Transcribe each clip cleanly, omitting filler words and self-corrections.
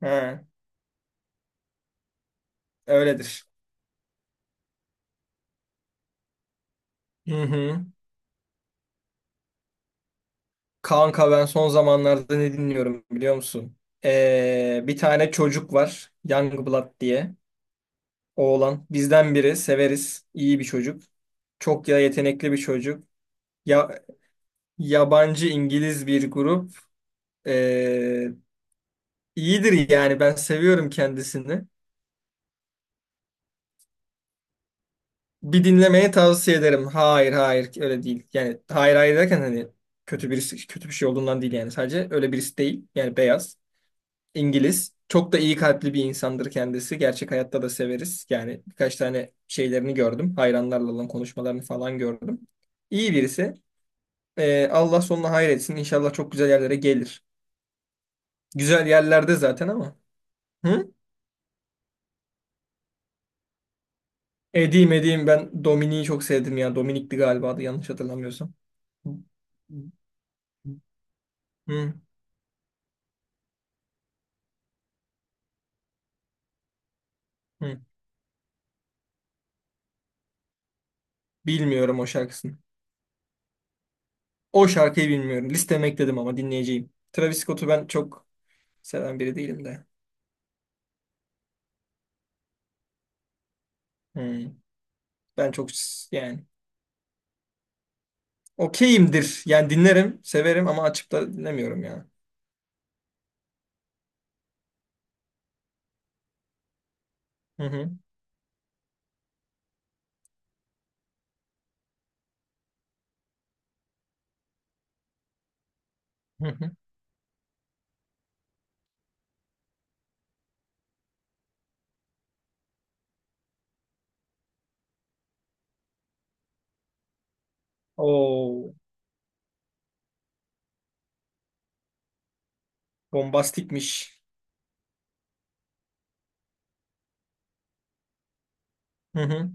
He, öyledir. Hı hı. Kanka ben son zamanlarda ne dinliyorum biliyor musun? Bir tane çocuk var. Youngblood diye. Oğlan. Bizden biri. Severiz. İyi bir çocuk. Çok ya yetenekli bir çocuk. Ya yabancı İngiliz bir grup. Ee, iyidir yani. Ben seviyorum kendisini. Bir dinlemeye tavsiye ederim. Hayır hayır öyle değil. Yani hayır hayır derken hani kötü birisi kötü bir şey olduğundan değil yani. Sadece öyle birisi değil. Yani beyaz. İngiliz. Çok da iyi kalpli bir insandır kendisi. Gerçek hayatta da severiz. Yani birkaç tane şeylerini gördüm. Hayranlarla olan konuşmalarını falan gördüm. İyi birisi. Allah sonuna hayretsin. İnşallah çok güzel yerlere gelir. Güzel yerlerde zaten ama. Hı? Edeyim edeyim, ben Dominik'i çok sevdim ya. Dominik'ti galiba adı, yanlış hatırlamıyorsam. Hı, hı. Bilmiyorum o şarkısını. O şarkıyı bilmiyorum. Listeme ekledim ama dinleyeceğim. Travis Scott'u ben çok seven biri değilim de. Hı. Ben çok yani. Okeyimdir. Yani dinlerim, severim ama açıp da dinlemiyorum ya. Hı hı. Hı hı. Oo, bombastikmiş. Hı hı.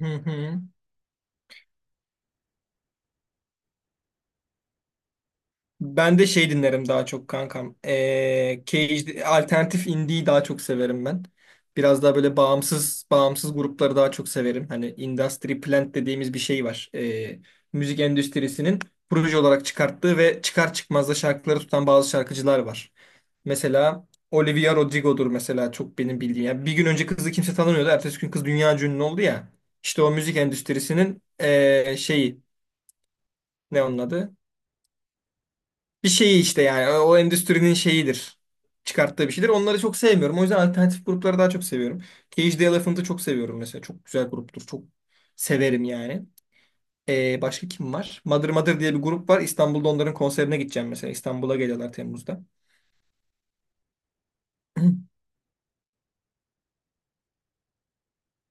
Hı hı. Ben de şey dinlerim daha çok kankam. Cage, alternatif indie'yi daha çok severim ben. Biraz daha böyle bağımsız bağımsız grupları daha çok severim. Hani Industry Plant dediğimiz bir şey var. Müzik endüstrisinin proje olarak çıkarttığı ve çıkar çıkmaz da şarkıları tutan bazı şarkıcılar var. Mesela Olivia Rodrigo'dur mesela, çok benim bildiğim. Yani bir gün önce kızı kimse tanımıyordu. Ertesi gün kız dünya ünlü oldu ya. İşte o müzik endüstrisinin şeyi, ne onun adı? Bir şeyi işte, yani o endüstrinin şeyidir. Çıkarttığı bir şeydir. Onları çok sevmiyorum. O yüzden alternatif grupları daha çok seviyorum. Cage the Elephant'ı çok seviyorum mesela. Çok güzel gruptur. Çok severim yani. Başka kim var? Mother Mother diye bir grup var. İstanbul'da onların konserine gideceğim mesela. İstanbul'a geliyorlar Temmuz'da.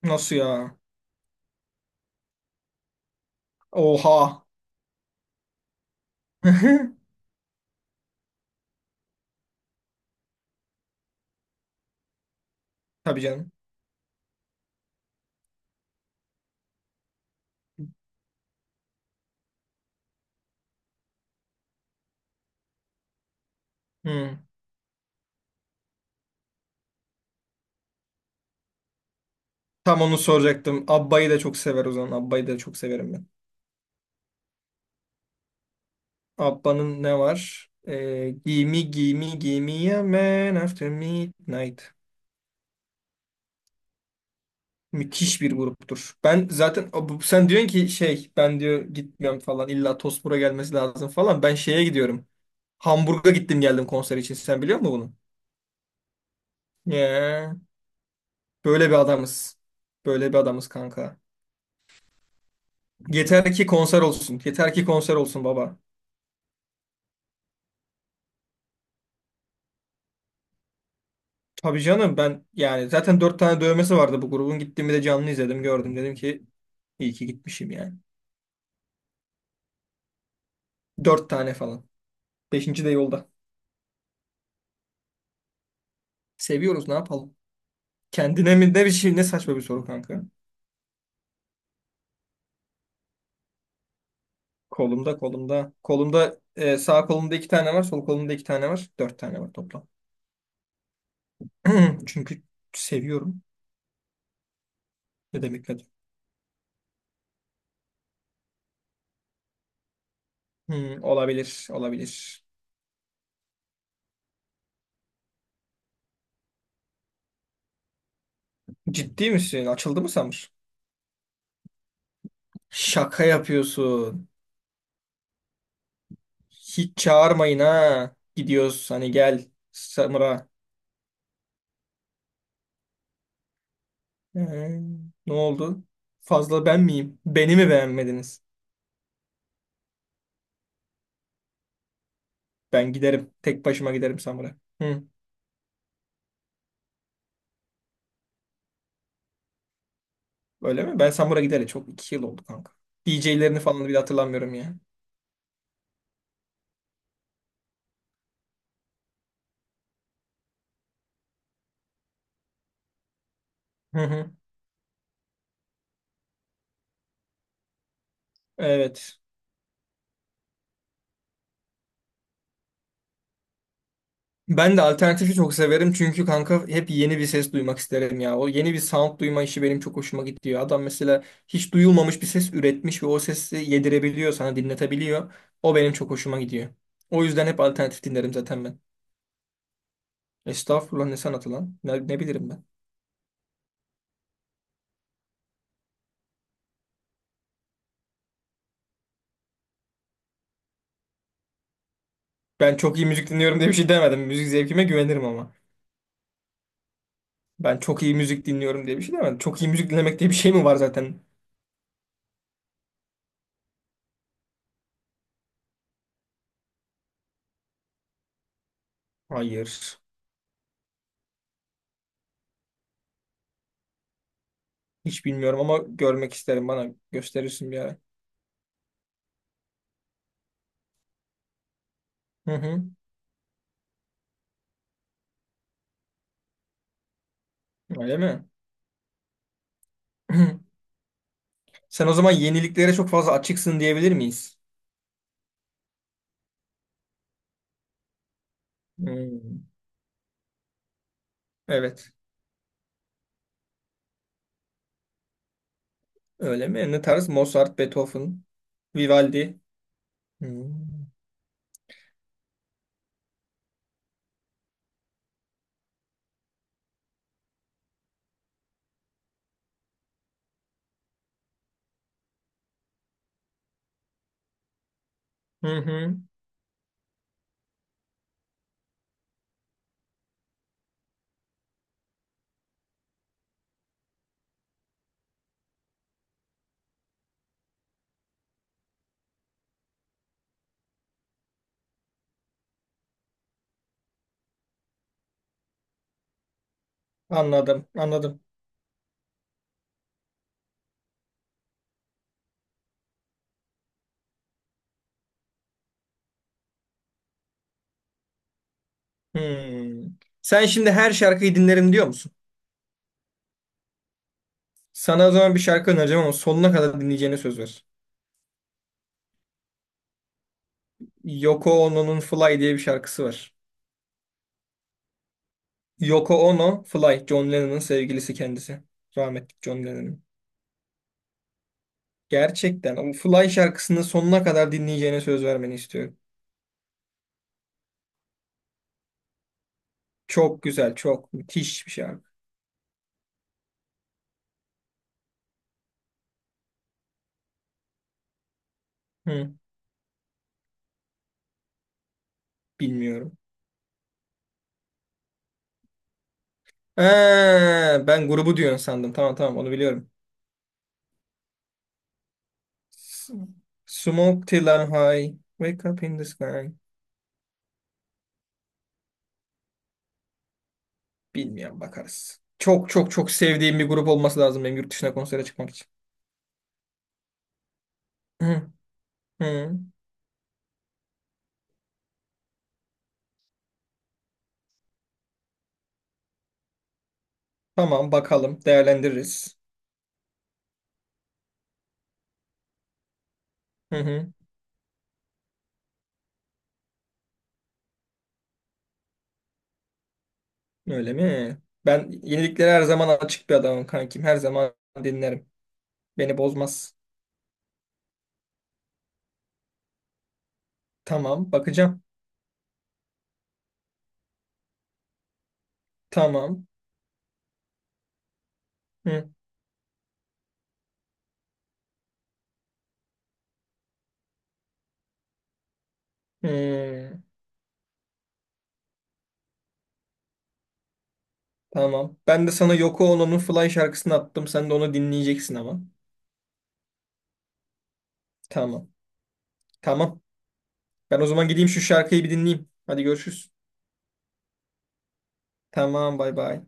Nasıl ya? Oha. Tabii canım. Hmm. Tam onu soracaktım. Abba'yı da çok sever o zaman. Abba'yı da çok severim ben. Abba'nın ne var? Gimme Gimme Gimme a Man After Midnight. Müthiş bir gruptur. Ben zaten sen diyorsun ki şey, ben diyor gitmiyorum falan, illa Tosmur'a gelmesi lazım falan. Ben şeye gidiyorum. Hamburg'a gittim geldim konser için. Sen biliyor musun bunu? Yeah. Böyle bir adamız. Böyle bir adamız kanka. Yeter ki konser olsun. Yeter ki konser olsun baba. Tabii canım, ben yani zaten 4 tane dövmesi vardı bu grubun. Gittiğimi de canlı izledim, gördüm. Dedim ki iyi ki gitmişim yani. 4 tane falan. Beşinci de yolda. Seviyoruz, ne yapalım? Kendine mi, ne bir şey, ne saçma bir soru kanka. Kolumda, kolumda. Kolumda sağ kolumda 2 tane var. Sol kolumda 2 tane var. Dört tane var toplam. Çünkü seviyorum. Ne demek, ne demek? Hmm, olabilir olabilir. Ciddi misin? Açıldı mı Samir? Şaka yapıyorsun. Hiç çağırmayın ha. Gidiyoruz hani, gel Samura. Ee, Ne oldu? Fazla ben miyim? Beni mi beğenmediniz? Ben giderim. Tek başıma giderim Samura. Hı. Öyle mi? Ben Samura gideli çok 2 yıl oldu kanka. DJ'lerini falan bile hatırlamıyorum ya. Hı hı. Evet. Ben de alternatifi çok severim çünkü kanka, hep yeni bir ses duymak isterim ya. O yeni bir sound duyma işi benim çok hoşuma gidiyor. Adam mesela hiç duyulmamış bir ses üretmiş ve o sesi yedirebiliyor, sana dinletebiliyor. O benim çok hoşuma gidiyor. O yüzden hep alternatif dinlerim zaten ben. Estağfurullah, ne sanatı lan? Ne, ne bileyim ben? Ben çok iyi müzik dinliyorum diye bir şey demedim. Müzik zevkime güvenirim ama. Ben çok iyi müzik dinliyorum diye bir şey demedim. Çok iyi müzik dinlemek diye bir şey mi var zaten? Hayır. Hiç bilmiyorum ama görmek isterim. Bana gösterirsin bir ara. Hı hı. Öyle mi? Sen o zaman yeniliklere çok fazla açıksın diyebilir miyiz? Hmm, evet. Öyle mi? Ne tarz? Mozart, Beethoven, Vivaldi. Hmm. Hı hı. Anladım, anladım. Hmm. Sen şimdi her şarkıyı dinlerim diyor musun? Sana o zaman bir şarkı önereceğim ama sonuna kadar dinleyeceğine söz ver. Yoko Ono'nun Fly diye bir şarkısı var. Yoko Ono, Fly, John Lennon'ın sevgilisi kendisi. Rahmetli John Lennon'ın. Gerçekten o Fly şarkısını sonuna kadar dinleyeceğine söz vermeni istiyorum. Çok güzel, çok müthiş bir şarkı. Hı, bilmiyorum. Ee, Ben grubu diyorsun sandım. Tamam tamam, onu biliyorum. S- Smoke till I'm high, wake up in the sky. Bilmiyorum, bakarız. Çok çok çok sevdiğim bir grup olması lazım benim yurt dışına konsere çıkmak için. Hı, hı. Tamam bakalım, değerlendiririz. Hı hı. Öyle mi? Ben yeniliklere her zaman açık bir adamım kankim. Her zaman dinlerim. Beni bozmaz. Tamam bakacağım. Tamam. Hı, hı. Tamam. Ben de sana Yoko Ono'nun Fly şarkısını attım. Sen de onu dinleyeceksin ama. Tamam. Tamam. Ben o zaman gideyim, şu şarkıyı bir dinleyeyim. Hadi görüşürüz. Tamam, bay bay.